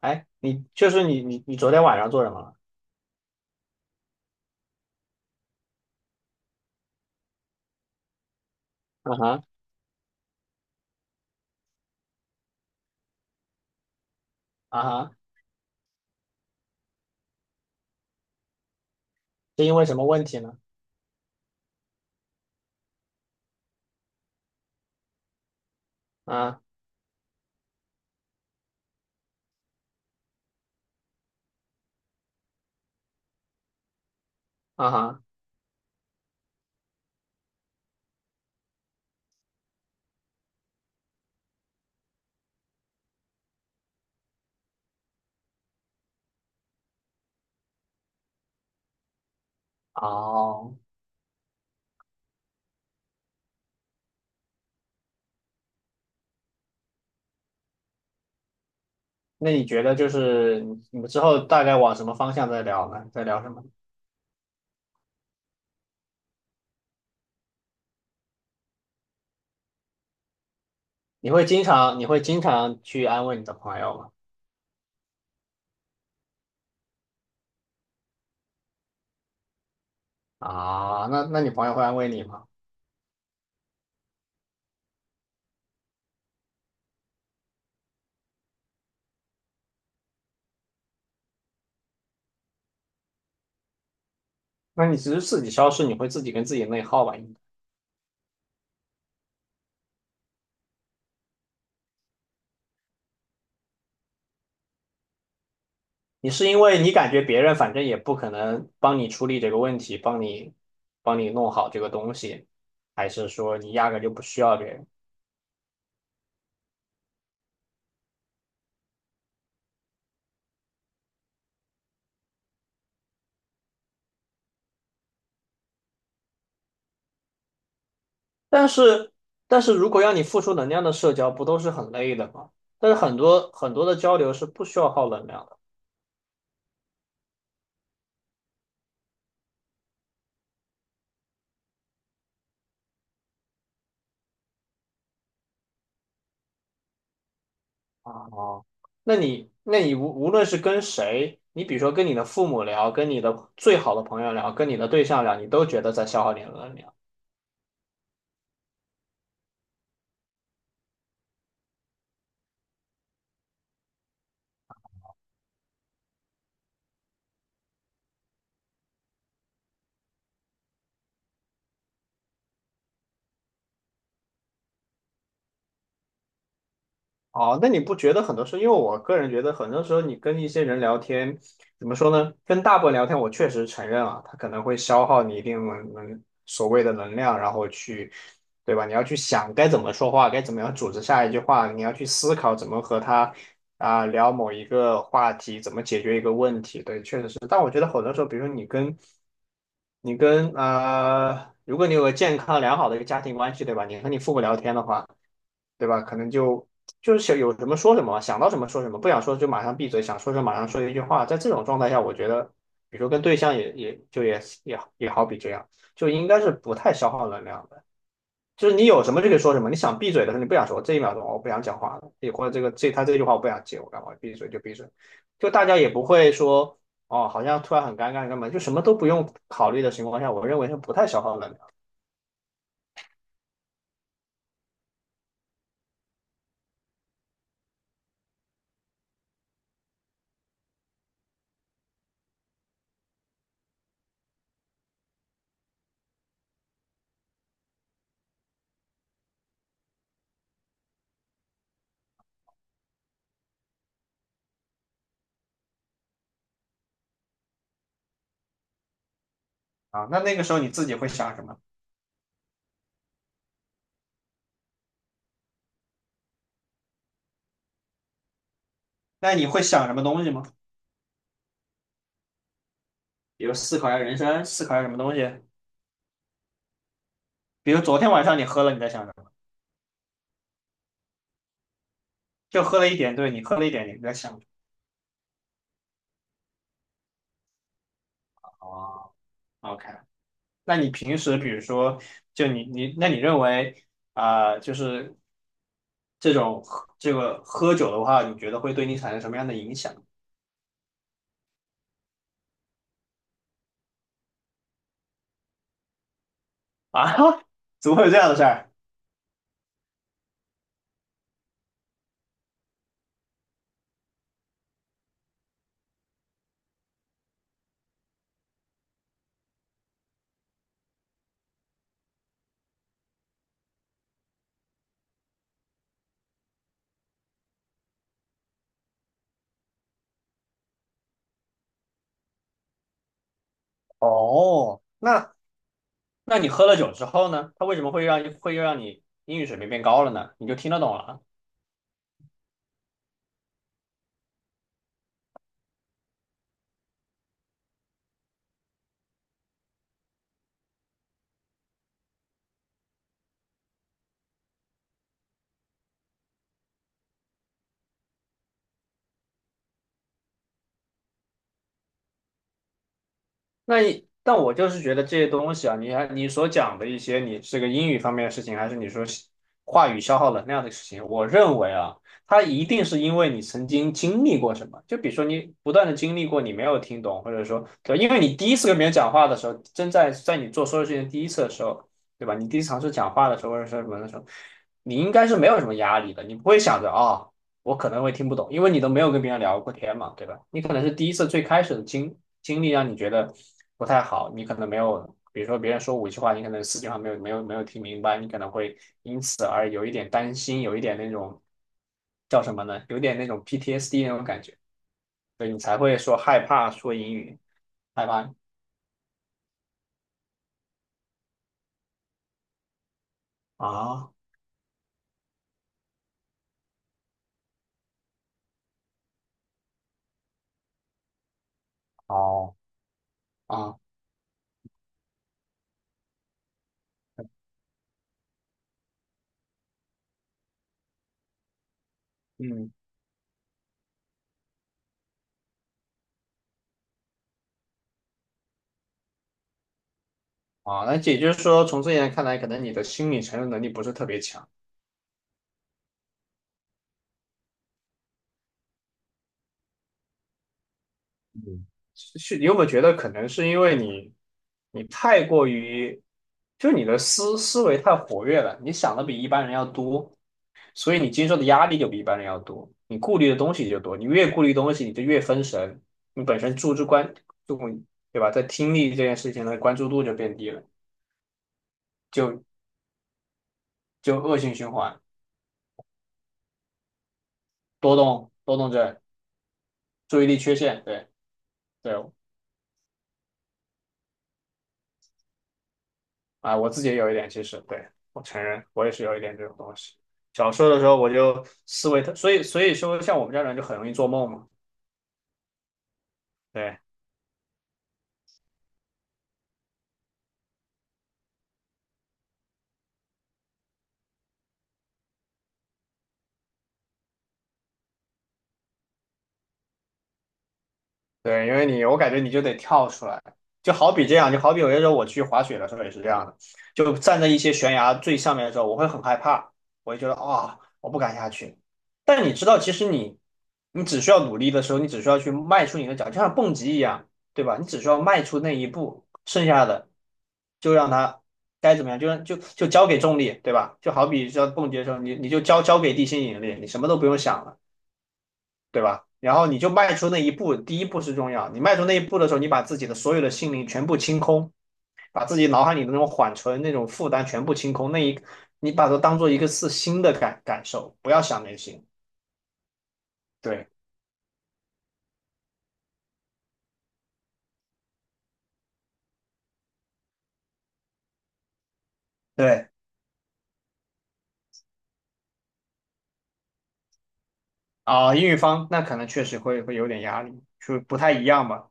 哎，你就是你你你昨天晚上做什么了？啊哈啊哈，是因为什么问题呢？啊啊哈，哦，那你觉得就是你们之后大概往什么方向在聊呢？在聊什么？你会经常去安慰你的朋友吗？啊，那你朋友会安慰你吗？那你只是自己消失，你会自己跟自己内耗吧？应该你是因为你感觉别人反正也不可能帮你处理这个问题，帮你弄好这个东西，还是说你压根就不需要别人？但是，但是如果让你付出能量的社交，不都是很累的吗？但是很多的交流是不需要耗能量的啊。哦那你，那你无论是跟谁，你比如说跟你的父母聊，跟你的最好的朋友聊，跟你的对象聊，你都觉得在消耗你的能量。哦，那你不觉得很多时候，因为我个人觉得很多时候你跟一些人聊天，怎么说呢？跟大部分聊天，我确实承认啊，他可能会消耗你一定所谓的能量，然后去，对吧？你要去想该怎么说话，该怎么样组织下一句话，你要去思考怎么和他聊某一个话题，怎么解决一个问题。对，确实是。但我觉得很多时候，比如说你跟，如果你有个健康良好的一个家庭关系，对吧？你和你父母聊天的话。对吧？可能就是想有什么说什么嘛想到什么说什么，不想说就马上闭嘴，想说什么马上说一句话。在这种状态下，我觉得，比如说跟对象也好比这样，就应该是不太消耗能量的。就是你有什么就可以说什么，你想闭嘴的时候你不想说，这一秒钟哦我不想讲话了，也或者这句话我不想接，我干嘛闭嘴就闭嘴，就大家也不会说哦，好像突然很尴尬干嘛，就什么都不用考虑的情况下，我认为是不太消耗能量啊。那那个时候你自己会想什么？那你会想什么东西吗？比如思考一下人生，思考一下什么东西。比如昨天晚上你喝了，你在想什么？就喝了一点，对，你喝了一点，你在想什么？哦，OK。那你平时比如说，就你你，那你认为啊、呃就是这种喝这个喝酒的话，你觉得会对你产生什么样的影响啊？怎么会有这样的事儿？哦，那那你喝了酒之后呢？它为什么会让你英语水平变高了呢？你就听得懂了。那一但我就是觉得这些东西啊，你还你所讲的一些，你这个英语方面的事情，还是你说是话语消耗能量的事情，我认为啊，它一定是因为你曾经经历过什么。就比如说你不断的经历过，你没有听懂，或者说对吧因为你第一次跟别人讲话的时候，正在你做所有事情的第一次的时候，对吧？你第一次尝试讲话的时候，或者说什么的时候，你应该是没有什么压力的，你不会想着啊。我可能会听不懂，因为你都没有跟别人聊过天嘛，对吧？你可能是第一次最开始的经历让你觉得不太好，你可能没有，比如说别人说五句话，你可能四句话没有听明白，你可能会因此而有一点担心，有一点那种叫什么呢？有点那种 PTSD 那种感觉，所以你才会说害怕说英语，害怕啊哦，啊嗯啊，那也就是说，从这一点看来，可能你的心理承受能力不是特别强。嗯，是你有没有觉得可能是因为你你太过于，就你的思维太活跃了，你想的比一般人要多，所以你经受的压力就比一般人要多，你顾虑的东西就多，你越顾虑东西，你就越分神，你本身关注，对吧？在听力这件事情的关注度就变低了，就就恶性循环，多动症，注意力缺陷，对对，啊，我自己也有一点，其实对我承认，我也是有一点这种东西。小时候的时候，我就思维特，所以说，像我们这样的人就很容易做梦嘛。对，对，因为你，我感觉你就得跳出来，就好比这样，就好比有些时候我去滑雪的时候也是这样的，就站在一些悬崖最上面的时候，我会很害怕，我会觉得我不敢下去。但你知道，其实你，你只需要努力的时候，你只需要去迈出你的脚，就像蹦极一样，对吧？你只需要迈出那一步，剩下的就让它该怎么样，就让就就交给重力，对吧？就好比像蹦极的时候，你就交给地心引力，你什么都不用想了。对吧？然后你就迈出那一步，第一步是重要。你迈出那一步的时候，你把自己的所有的心灵全部清空，把自己脑海里的那种缓存、那种负担全部清空。那一，你把它当做一个是新的感受，不要想那些。对对啊，英语方那可能确实会有点压力，就不太一样吧。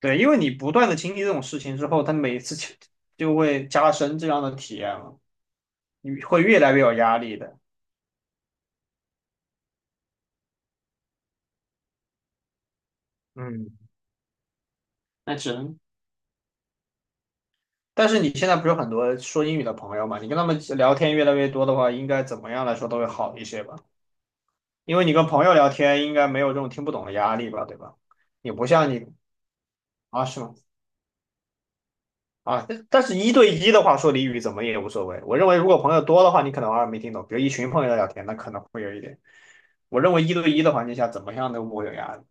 对，因为你不断的经历这种事情之后，它每一次就会加深这样的体验了，你会越来越有压力的。嗯，那只能但是你现在不是有很多说英语的朋友嘛？你跟他们聊天越来越多的话，应该怎么样来说都会好一些吧？因为你跟朋友聊天，应该没有这种听不懂的压力吧，对吧？也不像你啊，是吗？啊，但但是一对一的话，说俚语怎么也无所谓。我认为如果朋友多的话，你可能偶尔没听懂，比如一群朋友在聊天，那可能会有一点。我认为一对一的环境下，怎么样都不会有压力。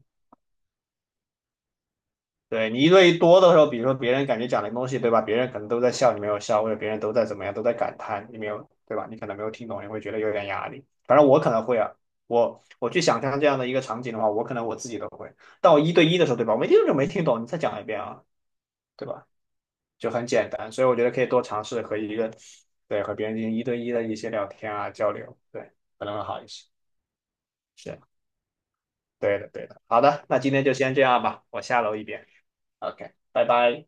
对你一对一多的时候，比如说别人感觉讲的东西，对吧？别人可能都在笑，你没有笑，或者别人都在怎么样，都在感叹，你没有，对吧？你可能没有听懂，你会觉得有点压力。反正我可能会啊，我去想象这样的一个场景的话，我可能我自己都会。但我一对一的时候，对吧？我没听懂就没听懂，你再讲一遍啊，对吧？就很简单，所以我觉得可以多尝试和一个，对，和别人进行一对一的一些聊天啊，交流，对，可能会好一些。是，对的，对的。好的，那今天就先这样吧，我下楼一遍。OK，拜拜。